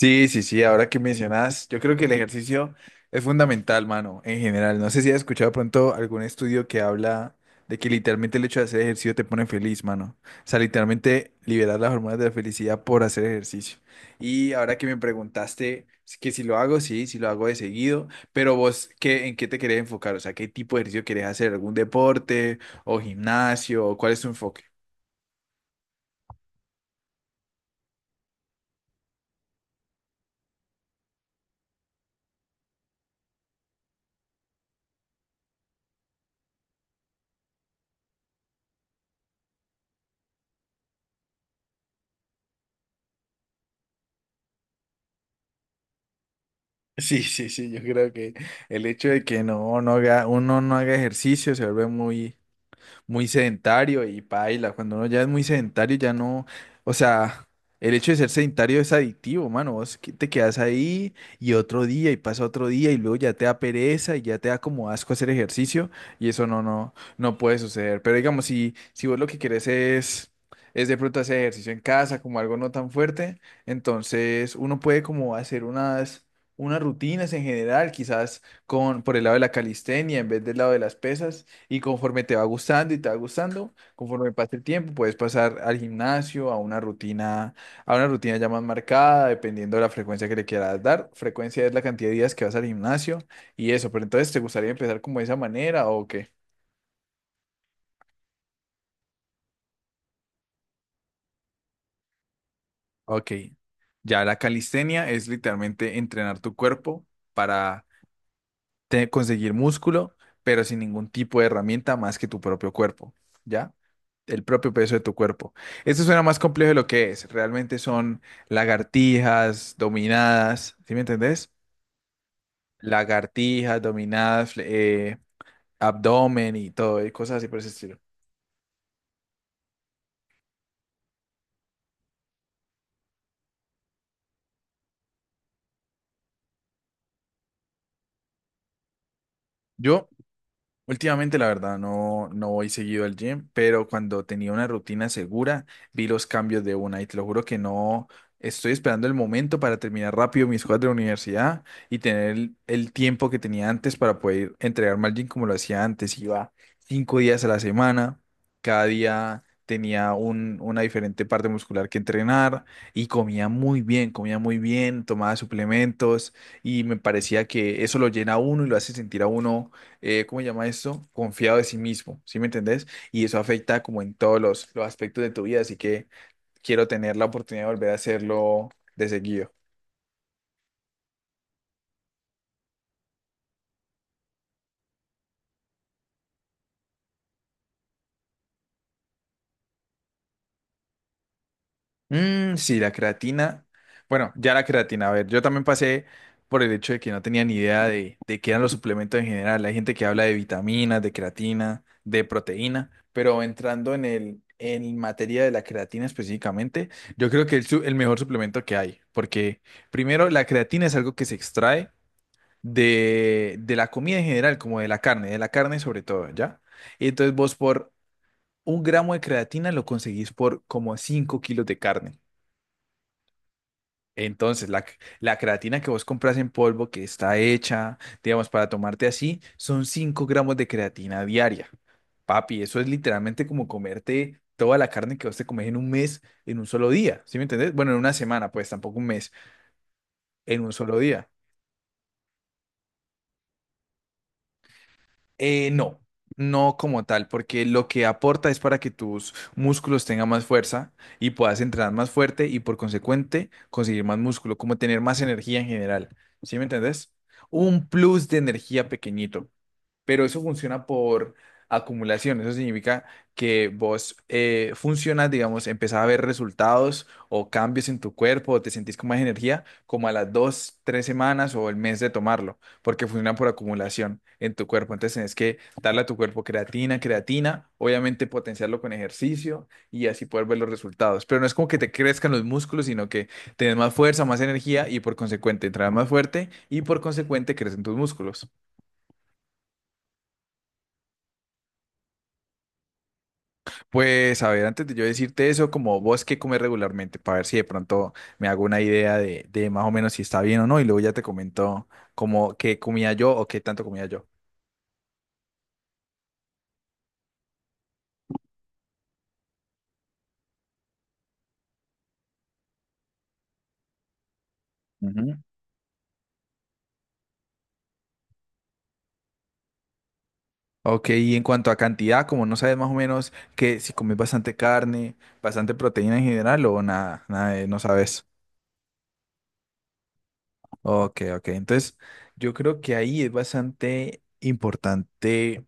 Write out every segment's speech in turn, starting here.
Sí, sí, sí, ahora que mencionas, yo creo que el ejercicio es fundamental, mano, en general. No sé si has escuchado pronto algún estudio que habla de que literalmente el hecho de hacer ejercicio te pone feliz, mano. O sea, literalmente liberar las hormonas de la felicidad por hacer ejercicio. Y ahora que me preguntaste que si lo hago, sí, si lo hago de seguido, pero vos, ¿qué, en qué te querés enfocar? O sea, ¿qué tipo de ejercicio querés hacer? ¿Algún deporte o gimnasio? ¿Cuál es tu enfoque? Sí, sí, sí, yo creo que el hecho de que no, no haga, uno no haga ejercicio se vuelve muy, muy sedentario y paila. Cuando uno ya es muy sedentario, ya no, o sea, el hecho de ser sedentario es adictivo, mano. Vos te quedas ahí y otro día y pasa otro día y luego ya te da pereza y ya te da como asco hacer ejercicio y eso no, no, no puede suceder. Pero digamos, si vos lo que querés es de pronto hacer ejercicio en casa, como algo no tan fuerte, entonces uno puede como hacer unas rutinas en general, quizás con, por el lado de la calistenia en vez del lado de las pesas y conforme te va gustando y te va gustando, conforme pase el tiempo, puedes pasar al gimnasio, a una rutina ya más marcada, dependiendo de la frecuencia que le quieras dar. Frecuencia es la cantidad de días que vas al gimnasio y eso, pero entonces, ¿te gustaría empezar como de esa manera o qué? Ok. Ya la calistenia es literalmente entrenar tu cuerpo para conseguir músculo, pero sin ningún tipo de herramienta más que tu propio cuerpo, ¿ya? El propio peso de tu cuerpo. Esto suena más complejo de lo que es. Realmente son lagartijas, dominadas, ¿sí me entendés? Lagartijas, dominadas, abdomen y todo, y cosas así por ese estilo. Yo Últimamente, la verdad, no, no voy seguido al gym, pero cuando tenía una rutina segura, vi los cambios de una y te lo juro que no estoy esperando el momento para terminar rápido mis cosas de la universidad y tener el tiempo que tenía antes para poder entregarme al gym como lo hacía antes. Iba 5 días a la semana, cada día tenía una diferente parte muscular que entrenar y comía muy bien, tomaba suplementos y me parecía que eso lo llena a uno y lo hace sentir a uno ¿cómo se llama esto? Confiado de sí mismo, ¿sí me entendés? Y eso afecta como en todos los aspectos de tu vida, así que quiero tener la oportunidad de volver a hacerlo de seguido. Mm, sí, la creatina. Bueno, ya la creatina, a ver, yo también pasé por el hecho de que no tenía ni idea de qué eran los suplementos en general. Hay gente que habla de vitaminas, de creatina, de proteína, pero En materia de la creatina específicamente, yo creo que es el mejor suplemento que hay, porque primero la creatina es algo que se extrae de la comida en general, como de la carne sobre todo, ¿ya? Y entonces vos por 1 gramo de creatina lo conseguís por como 5 kilos de carne. Entonces, la creatina que vos compras en polvo, que está hecha, digamos, para tomarte así, son 5 gramos de creatina diaria. Papi, eso es literalmente como comerte toda la carne que vos te comes en un mes, en un solo día, ¿sí me entendés? Bueno, en una semana, pues tampoco un mes, en un solo día. No, no como tal, porque lo que aporta es para que tus músculos tengan más fuerza y puedas entrenar más fuerte y por consecuente conseguir más músculo, como tener más energía en general. ¿Sí me entendés? Un plus de energía pequeñito, pero eso funciona por acumulación. Eso significa que vos funcionas, digamos, empezás a ver resultados o cambios en tu cuerpo o te sentís con más energía como a las 2, 3 semanas o el mes de tomarlo, porque funciona por acumulación en tu cuerpo. Entonces tenés que darle a tu cuerpo creatina, obviamente potenciarlo con ejercicio y así poder ver los resultados. Pero no es como que te crezcan los músculos, sino que tenés más fuerza, más energía y por consecuente entras más fuerte y por consecuente crecen tus músculos. Pues a ver, antes de yo decirte eso, como vos qué comes regularmente, para ver si de pronto me hago una idea de más o menos si está bien o no, y luego ya te comento como qué comía yo o qué tanto comía yo. Ujú. Ok, y en cuanto a cantidad, como no sabes más o menos que si comes bastante carne, bastante proteína en general o nada, nada, no sabes. Ok, ok, entonces yo creo que ahí es bastante importante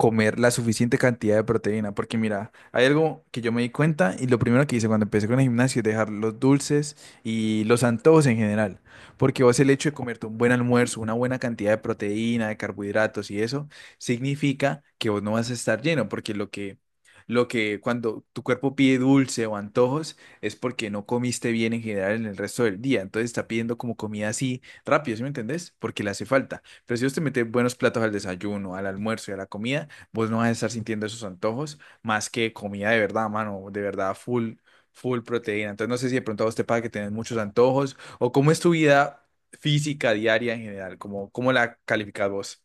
comer la suficiente cantidad de proteína. Porque mira, hay algo que yo me di cuenta y lo primero que hice cuando empecé con el gimnasio es dejar los dulces y los antojos en general. Porque vos el hecho de comerte un buen almuerzo, una buena cantidad de proteína, de carbohidratos y eso, significa que vos no vas a estar lleno. Porque lo que cuando tu cuerpo pide dulce o antojos es porque no comiste bien en general en el resto del día. Entonces está pidiendo como comida así rápido, ¿sí me entendés? Porque le hace falta. Pero si vos te metes buenos platos al desayuno, al almuerzo y a la comida, vos no vas a estar sintiendo esos antojos más que comida de verdad, mano, de verdad, full, full proteína. Entonces, no sé si de pronto a vos te pasa que tenés muchos antojos o cómo es tu vida física diaria en general, cómo la calificas vos.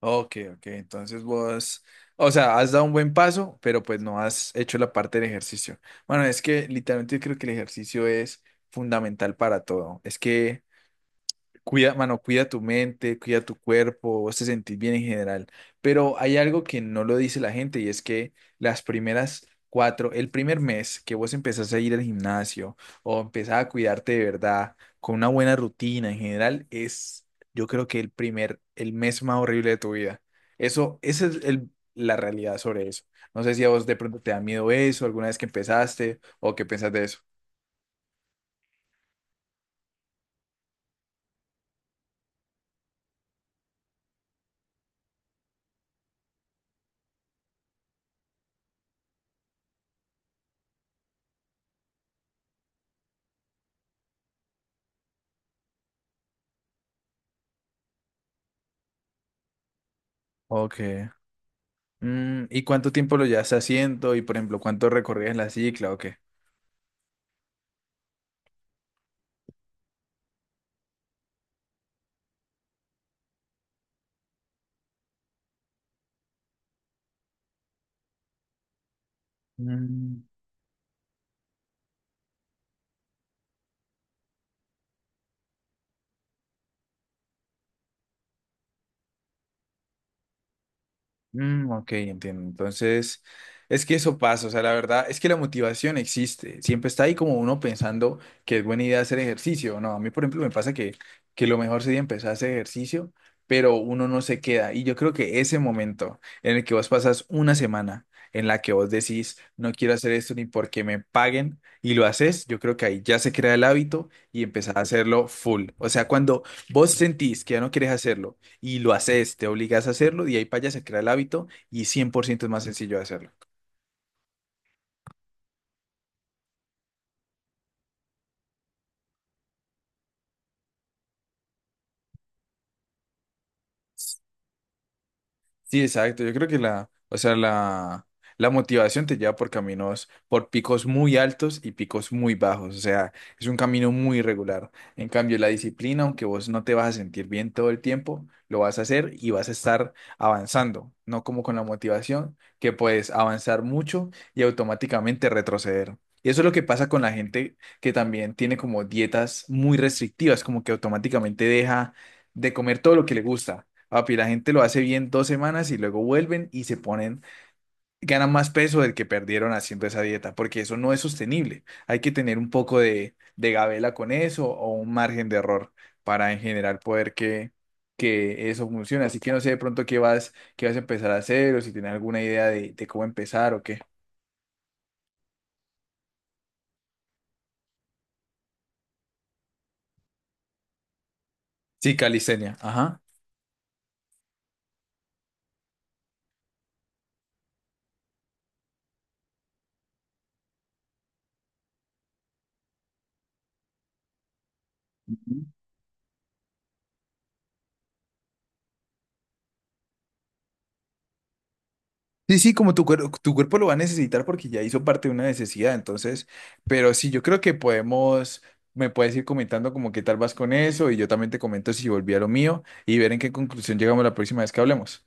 Ok, ok, entonces vos, o sea, has dado un buen paso, pero pues no has hecho la parte del ejercicio. Bueno, es que literalmente yo creo que el ejercicio es fundamental para todo. Es que cuida, mano, cuida tu mente, cuida tu cuerpo, vos te sentís bien en general. Pero hay algo que no lo dice la gente y es que el primer mes que vos empezás a ir al gimnasio o empezás a cuidarte de verdad con una buena rutina en general, es yo creo que el mes más horrible de tu vida. Eso, esa es la realidad sobre eso. No sé si a vos de pronto te da miedo eso, alguna vez que empezaste o qué pensás de eso. Ok. Mm, ¿y cuánto tiempo lo llevas haciendo? Y por ejemplo, ¿cuánto recorrías la cicla o qué? Mm. Mm, ok, entiendo. Entonces, es que eso pasa, o sea, la verdad es que la motivación existe, siempre está ahí como uno pensando que es buena idea hacer ejercicio, ¿no? A mí, por ejemplo, me pasa que lo mejor sería empezar a hacer ejercicio, pero uno no se queda. Y yo creo que ese momento en el que vos pasas una semana en la que vos decís, no quiero hacer esto ni porque me paguen, y lo haces, yo creo que ahí ya se crea el hábito y empezás a hacerlo full. O sea, cuando vos sentís que ya no quieres hacerlo, y lo haces, te obligas a hacerlo, de ahí para allá se crea el hábito y 100% es más sencillo de hacerlo. Sí, exacto. Yo creo que la, o sea, la motivación te lleva por caminos, por picos muy altos y picos muy bajos. O sea, es un camino muy irregular. En cambio, la disciplina, aunque vos no te vas a sentir bien todo el tiempo, lo vas a hacer y vas a estar avanzando. No como con la motivación, que puedes avanzar mucho y automáticamente retroceder. Y eso es lo que pasa con la gente que también tiene como dietas muy restrictivas, como que automáticamente deja de comer todo lo que le gusta. Papi, la gente lo hace bien 2 semanas y luego vuelven y se ponen, ganan más peso del que perdieron haciendo esa dieta, porque eso no es sostenible. Hay que tener un poco de gabela con eso o un margen de error para en general poder que eso funcione. Así que no sé de pronto qué vas a empezar a hacer o si tienes alguna idea de cómo empezar o qué. Sí, calistenia. Ajá. Sí, sí, como tu cuerpo lo va a necesitar porque ya hizo parte de una necesidad, entonces, pero sí, yo creo me puedes ir comentando como qué tal vas con eso y yo también te comento si volví a lo mío y ver en qué conclusión llegamos la próxima vez que hablemos.